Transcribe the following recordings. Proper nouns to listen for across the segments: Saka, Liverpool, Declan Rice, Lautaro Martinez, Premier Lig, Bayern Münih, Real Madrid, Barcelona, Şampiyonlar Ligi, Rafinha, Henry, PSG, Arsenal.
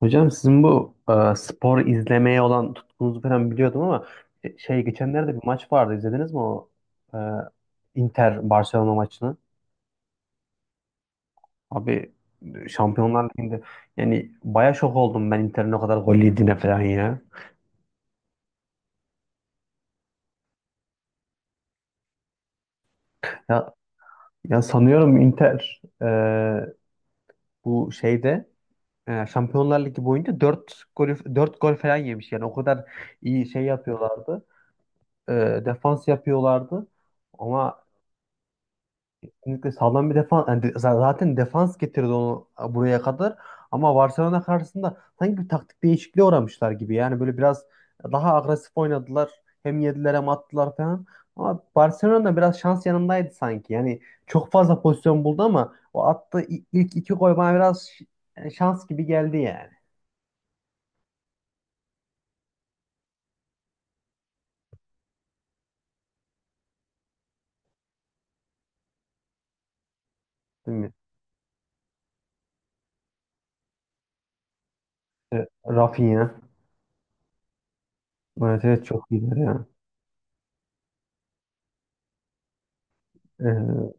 Hocam sizin bu spor izlemeye olan tutkunuzu falan biliyordum ama şey geçenlerde bir maç vardı izlediniz mi o e, Inter Barcelona maçını? Abi Şampiyonlar Ligi'nde yani baya şok oldum ben Inter'in o kadar gol yediğine falan ya. Ya, ya sanıyorum Inter bu şeyde Şampiyonlar Ligi boyunca 4 gol 4 gol falan yemiş yani o kadar iyi şey yapıyorlardı. E, defans yapıyorlardı. Ama kesinlikle sağlam bir defans. Yani zaten defans getirdi onu buraya kadar. Ama Barcelona karşısında sanki bir taktik değişikliğe uğramışlar gibi. Yani böyle biraz daha agresif oynadılar. Hem yediler hem attılar falan. Ama Barcelona biraz şans yanındaydı sanki. Yani çok fazla pozisyon buldu ama o attığı ilk iki gol bana biraz yani şans gibi geldi yani. Değil mi? E, Rafinha. Evet evet çok iyiler ya. Ee,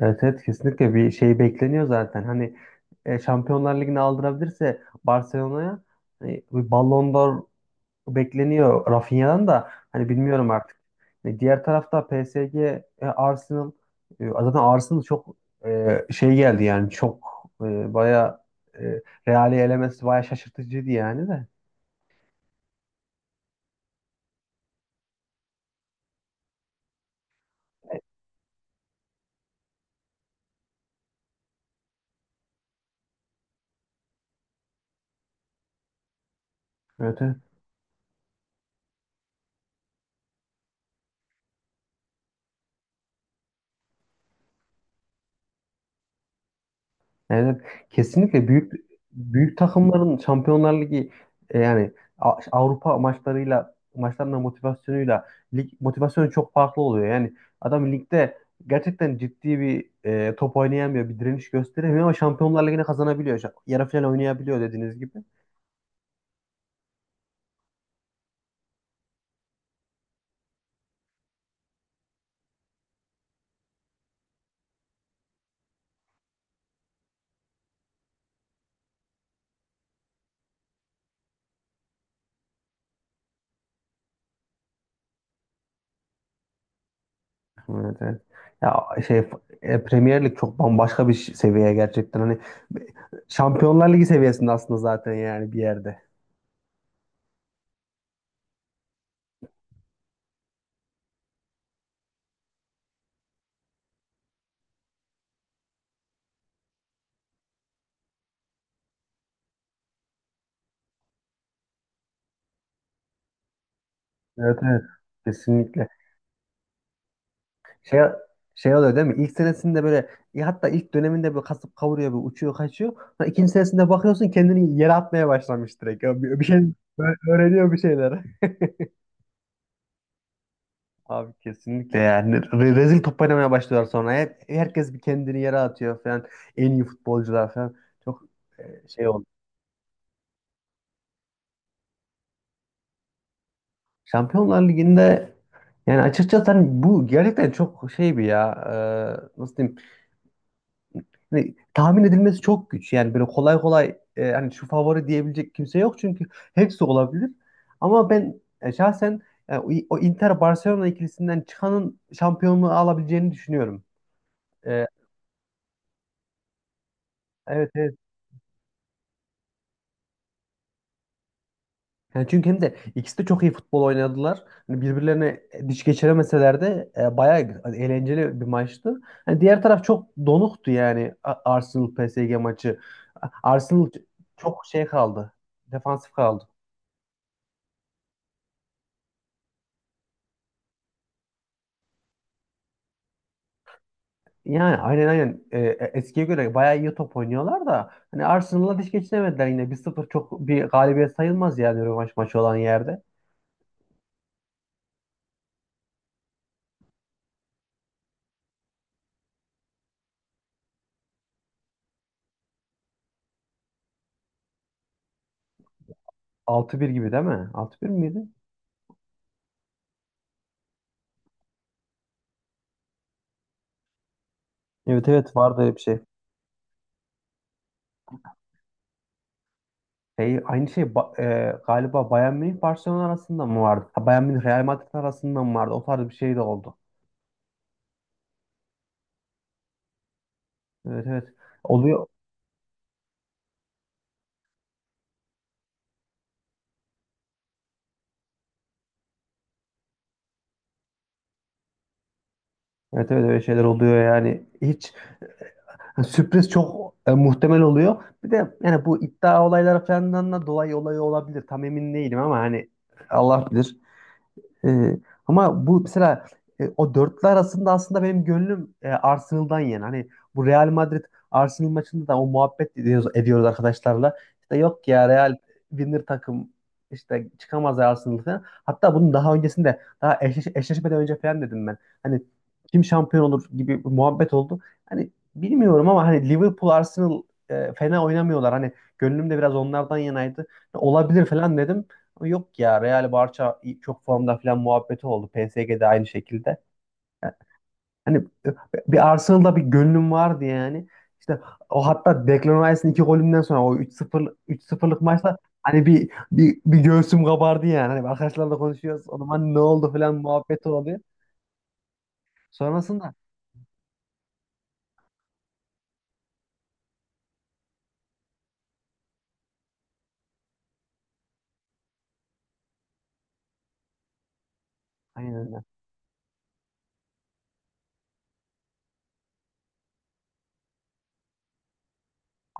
Evet, evet kesinlikle bir şey bekleniyor zaten. Hani Şampiyonlar Ligi'ni aldırabilirse Barcelona'ya hani bir Ballon d'Or bekleniyor Rafinha'dan da hani bilmiyorum artık. Diğer tarafta PSG, Arsenal zaten Arsenal çok şey geldi yani çok baya e, Real'i elemesi baya şaşırtıcıydı yani de. Evet, evet. Evet, kesinlikle büyük büyük takımların Şampiyonlar Ligi yani Avrupa maçlarıyla maçlarına motivasyonuyla lig motivasyonu çok farklı oluyor. Yani adam ligde gerçekten ciddi bir top oynayamıyor, bir direniş gösteremiyor ama Şampiyonlar Ligi'ne kazanabiliyor. Yarı final oynayabiliyor dediğiniz gibi. Evet, evet. Ya şey Premier Lig çok bambaşka bir seviye gerçekten. Hani Şampiyonlar Ligi seviyesinde aslında zaten yani bir yerde. Evet evet. Kesinlikle. Şey, Şey oluyor değil mi? İlk senesinde böyle ya hatta ilk döneminde böyle kasıp kavuruyor böyle uçuyor kaçıyor. Sonra ikinci senesinde bakıyorsun kendini yere atmaya başlamış direkt. Ya bir şey öğreniyor bir şeyler. Abi kesinlikle yani. Rezil top oynamaya başlıyorlar sonra. Hep, herkes bir kendini yere atıyor falan. En iyi futbolcular falan. Çok şey oldu. Şampiyonlar Ligi'nde yani açıkçası hani bu gerçekten çok şey bir ya. Nasıl diyeyim? Hani tahmin edilmesi çok güç. Yani böyle kolay kolay hani şu favori diyebilecek kimse yok çünkü hepsi olabilir. Ama ben şahsen o Inter Barcelona ikilisinden çıkanın şampiyonluğu alabileceğini düşünüyorum. E, evet evet. Yani çünkü hem de ikisi de çok iyi futbol oynadılar. Hani birbirlerine diş geçiremeseler de bayağı eğlenceli bir maçtı. Hani diğer taraf çok donuktu yani Arsenal PSG maçı. Arsenal çok şey kaldı. Defansif kaldı. Yani aynen aynen, eskiye göre bayağı iyi top oynuyorlar da hani Arsenal'la diş geçinemediler yine 1-0 çok bir galibiyet sayılmaz yani rövanş maçı olan yerde. 6-1 gibi değil mi? 6-1 miydi? Evet evet vardı öyle bir şey. Aynı şey galiba Bayern Münih Barcelona arasında mı vardı? Ha, Bayern Münih Real Madrid arasında mı vardı? O tarz bir şey de oldu. Evet evet. Oluyor. Evet evet öyle şeyler oluyor yani. Yani sürpriz çok muhtemel oluyor. Bir de yani bu iddia olayları falandan da dolayı olayı olabilir. Tam emin değilim ama hani Allah bilir. Ee, ama bu mesela o dörtlü arasında aslında benim gönlüm Arsenal'dan yana. Hani bu Real Madrid Arsenal maçında da o muhabbet ediyoruz, ediyoruz arkadaşlarla. İşte yok ya Real winner takım işte çıkamaz ya Arsenal falan. Hatta bunun daha öncesinde daha eşleşmeden önce falan dedim ben. Hani kim şampiyon olur gibi bir muhabbet oldu. Hani bilmiyorum ama hani Liverpool Arsenal fena oynamıyorlar. Hani gönlüm de biraz onlardan yanaydı. Olabilir falan dedim. Yok ya Real Barça çok formda falan muhabbeti oldu. PSG'de aynı şekilde. Hani e, bir Arsenal'da bir gönlüm vardı yani. İşte o hatta Declan Rice'ın iki golünden sonra o 3-0 3-0'lık maçta hani bir göğsüm kabardı yani. Hani arkadaşlarla konuşuyoruz. O zaman ne oldu falan muhabbeti oluyor. Sonrasında aynen öyle.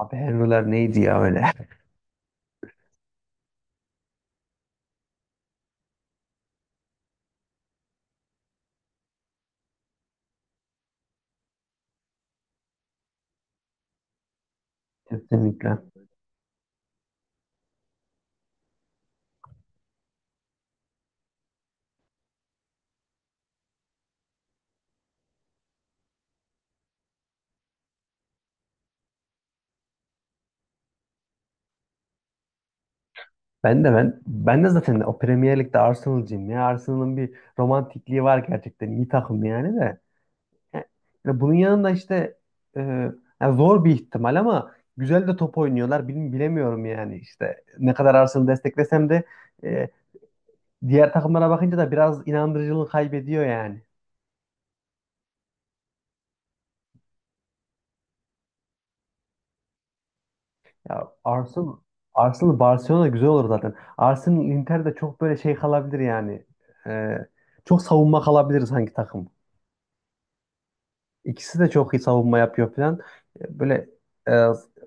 Abi Henry'ler neydi ya öyle? Kesinlikle. Ben de zaten o Premier Lig'de Arsenal'cıyım ya. Arsenal'ın bir romantikliği var gerçekten. İyi takım yani de. Yani bunun yanında işte e, yani zor bir ihtimal ama güzel de top oynuyorlar. Bilemiyorum yani işte ne kadar Arsenal'ı desteklesem de e, diğer takımlara bakınca da biraz inandırıcılığını kaybediyor yani. Ya Arsenal Barcelona güzel olur zaten. Arsenal Inter de çok böyle şey kalabilir yani. E, çok savunma kalabilir sanki takım. İkisi de çok iyi savunma yapıyor falan. Böyle e,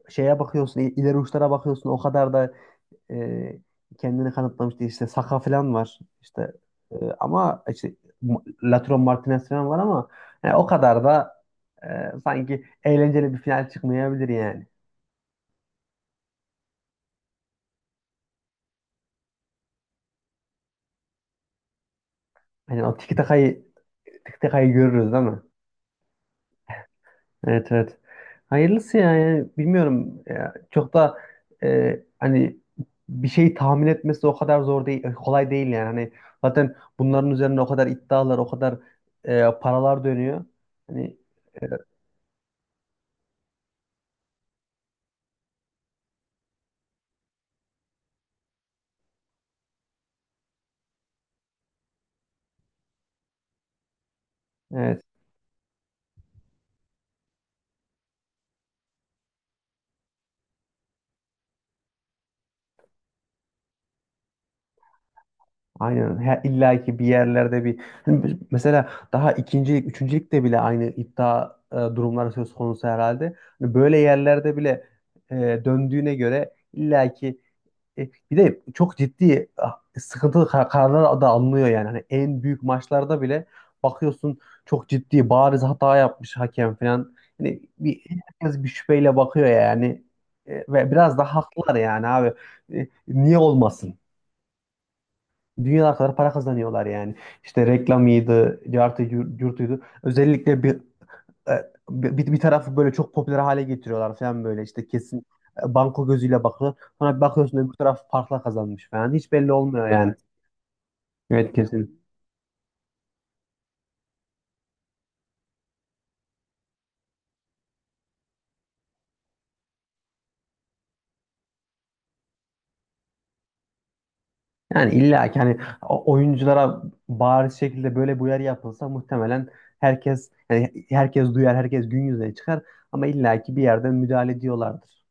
şeye bakıyorsun, ileri uçlara bakıyorsun. O kadar da e, kendini kanıtlamıştı işte Saka falan var işte ama işte M- Lautaro Martinez falan var ama yani o kadar da sanki eğlenceli bir final çıkmayabilir yani. Hani o tiki takayı görürüz değil mi? Evet evet. Hayırlısı ya yani bilmiyorum ya, çok da hani bir şeyi tahmin etmesi o kadar zor değil kolay değil yani hani zaten bunların üzerine o kadar iddialar o kadar paralar dönüyor. Hani e, evet. Aynen. Her, illa ki bir yerlerde bir. Şimdi mesela daha ikincilik, üçüncülükte bile aynı iddia durumları söz konusu herhalde. Hani böyle yerlerde bile e, döndüğüne göre illa ki bir de çok ciddi sıkıntılı kararlar da alınıyor yani. Hani en büyük maçlarda bile bakıyorsun çok ciddi bariz hata yapmış hakem falan. Hani herkes bir şüpheyle bakıyor yani. Ve biraz da haklılar yani abi. Niye olmasın? Dünyalar kadar para kazanıyorlar yani. İşte reklamıydı, cartı, yurtuydu. Özellikle e, bir tarafı böyle çok popüler hale getiriyorlar falan böyle. İşte kesin banko gözüyle bakılır. Sonra bir bakıyorsun öbür taraf farkla kazanmış falan. Hiç belli olmuyor yani. Evet kesin. Yani illa ki hani oyunculara bariz şekilde böyle bir uyarı yapılsa muhtemelen herkes yani herkes duyar, herkes gün yüzüne çıkar. Ama illa ki bir yerden müdahale ediyorlardır.